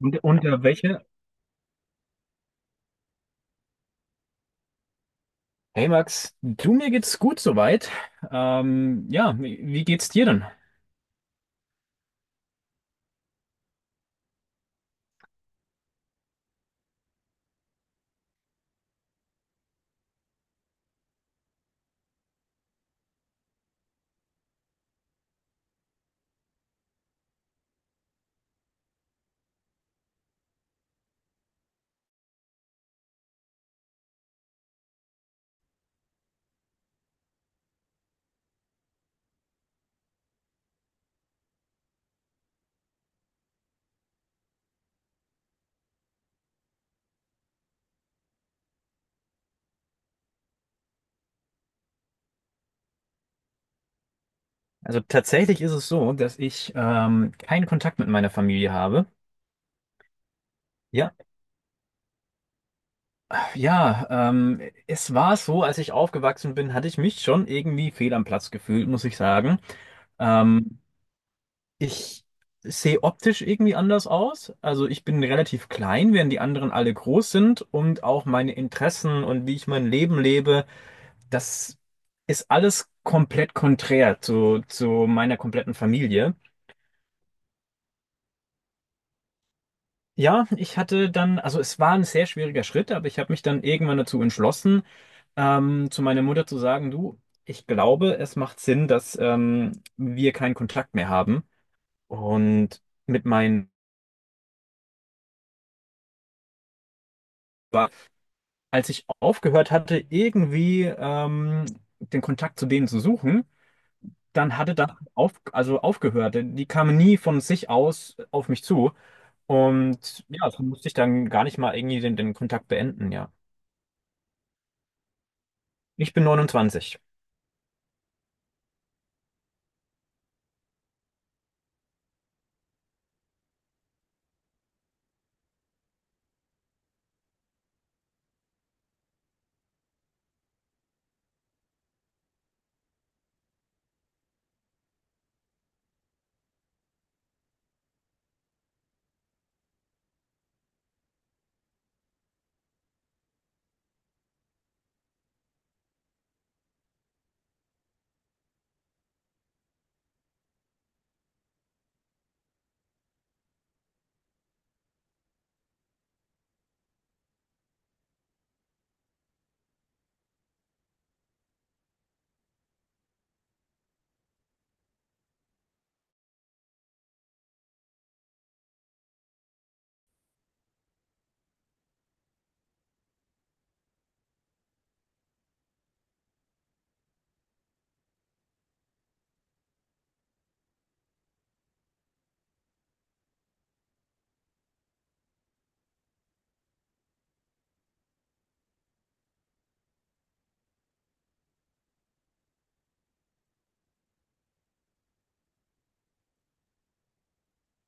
Und unter welche? Hey Max, du, mir geht's gut soweit. Ja, wie geht's dir denn? Also tatsächlich ist es so, dass ich keinen Kontakt mit meiner Familie habe. Ja, ja, ähm, Es war so, als ich aufgewachsen bin, hatte ich mich schon irgendwie fehl am Platz gefühlt, muss ich sagen. Ähm, Ich sehe optisch irgendwie anders aus. Also ich bin relativ klein, während die anderen alle groß sind und auch meine Interessen und wie ich mein Leben lebe. Das ist alles komplett konträr zu meiner kompletten Familie. Ja, ich hatte dann, also es war ein sehr schwieriger Schritt, aber ich habe mich dann irgendwann dazu entschlossen, zu meiner Mutter zu sagen, du, ich glaube, es macht Sinn, dass wir keinen Kontakt mehr haben. Und mit meinen, als ich aufgehört hatte, irgendwie den Kontakt zu denen zu suchen, dann hatte das auf, also aufgehört. Die kamen nie von sich aus auf mich zu. Und ja, so musste ich dann gar nicht mal irgendwie den Kontakt beenden, ja. Ich bin 29.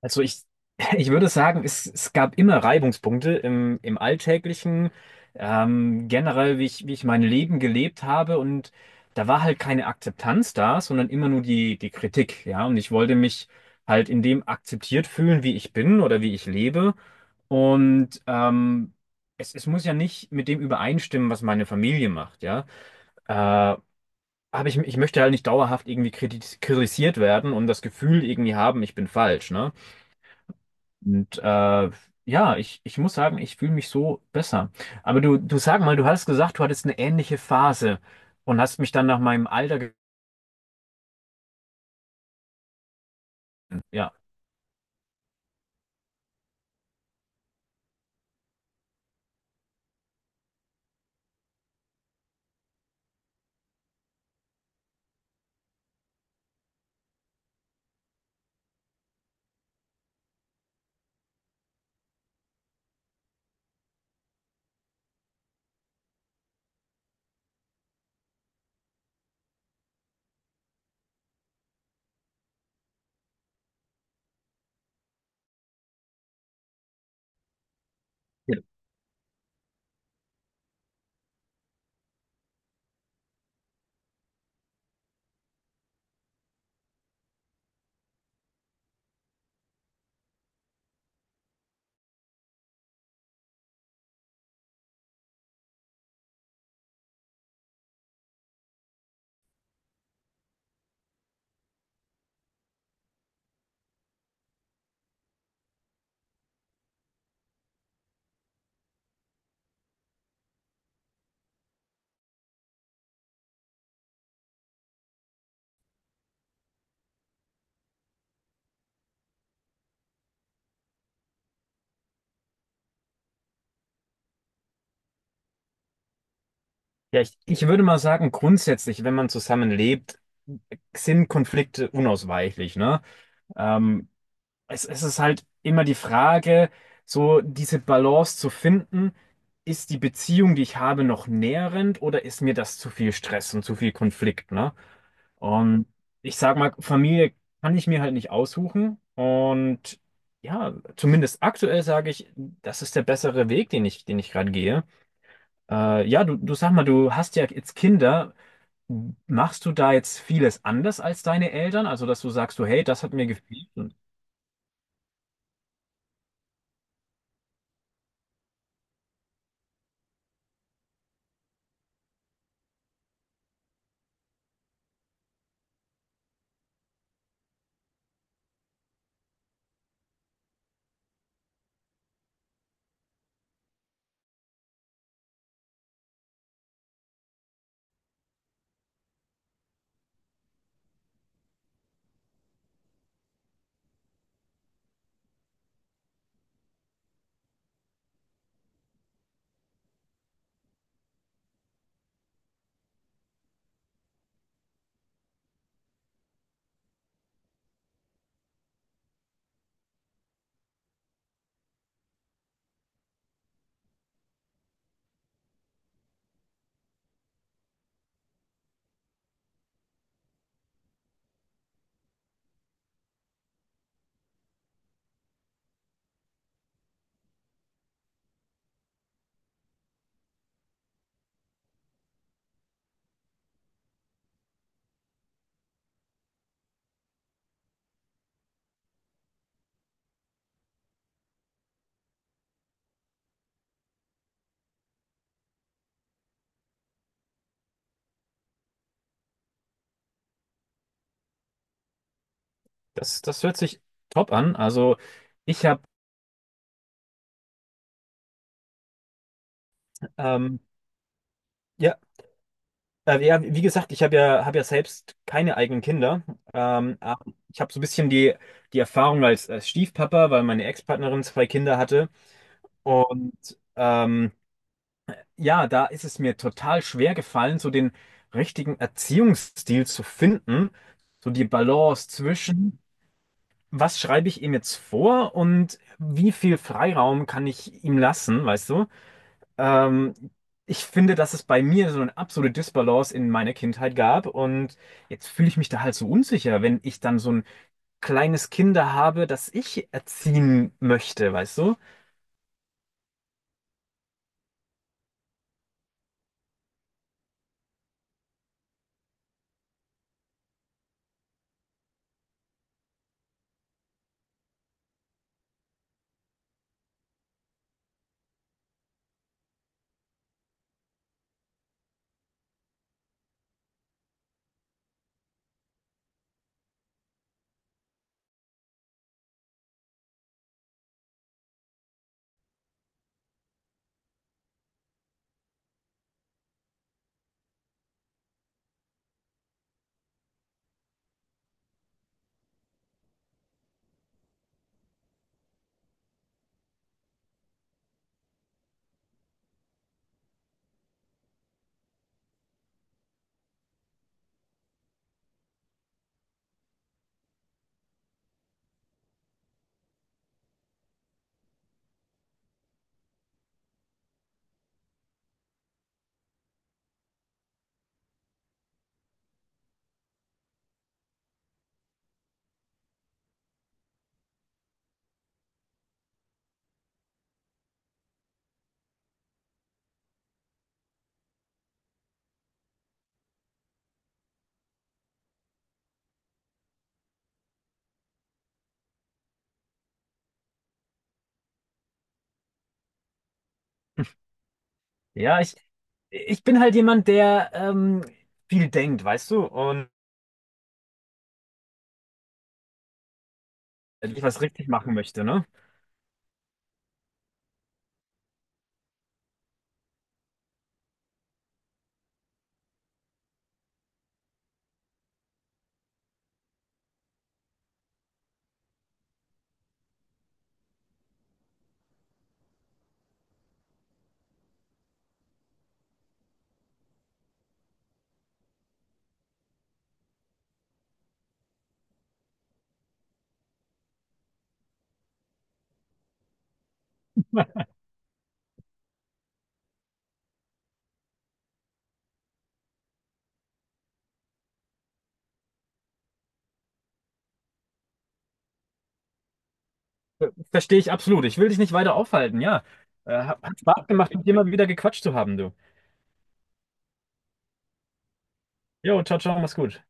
Also ich, ich würde sagen, es gab immer Reibungspunkte im Alltäglichen, generell, wie ich mein Leben gelebt habe. Und da war halt keine Akzeptanz da, sondern immer nur die Kritik, ja. Und ich wollte mich halt in dem akzeptiert fühlen, wie ich bin oder wie ich lebe. Und es muss ja nicht mit dem übereinstimmen, was meine Familie macht, ja. Äh, Ich möchte halt nicht dauerhaft irgendwie kritisiert werden und das Gefühl irgendwie haben, ich bin falsch, ne? Und ja, ich muss sagen, ich fühle mich so besser. Aber du sag mal, du hast gesagt, du hattest eine ähnliche Phase und hast mich dann nach meinem Alter, ge ja. Ja, ich würde mal sagen, grundsätzlich, wenn man zusammenlebt, sind Konflikte unausweichlich, ne? Ähm, Es ist halt immer die Frage, so diese Balance zu finden, ist die Beziehung, die ich habe, noch nährend oder ist mir das zu viel Stress und zu viel Konflikt, ne? Und ich sag mal, Familie kann ich mir halt nicht aussuchen. Und ja, zumindest aktuell sage ich, das ist der bessere Weg, den ich gerade gehe. Ja, du sag mal, du hast ja jetzt Kinder. Machst du da jetzt vieles anders als deine Eltern? Also, dass du sagst, du, hey, das hat mir gefehlt. Das hört sich top an. Also ich habe, ähm, ja, ja, wie gesagt, hab ja selbst keine eigenen Kinder. Aber ich habe so ein bisschen die Erfahrung als Stiefpapa, weil meine Ex-Partnerin zwei Kinder hatte. Und ähm, ja, da ist es mir total schwer gefallen, so den richtigen Erziehungsstil zu finden. So die Balance zwischen, was schreibe ich ihm jetzt vor und wie viel Freiraum kann ich ihm lassen, weißt du? Ähm, Ich finde, dass es bei mir so eine absolute Disbalance in meiner Kindheit gab und jetzt fühle ich mich da halt so unsicher, wenn ich dann so ein kleines Kinder habe, das ich erziehen möchte, weißt du? Ja, ich bin halt jemand, der viel denkt, weißt du, und ich was richtig machen möchte, ne? Verstehe ich absolut. Ich will dich nicht weiter aufhalten, ja. Hat Spaß gemacht, mit dir mal wieder gequatscht zu haben, du. Jo, ciao, ciao, mach's gut.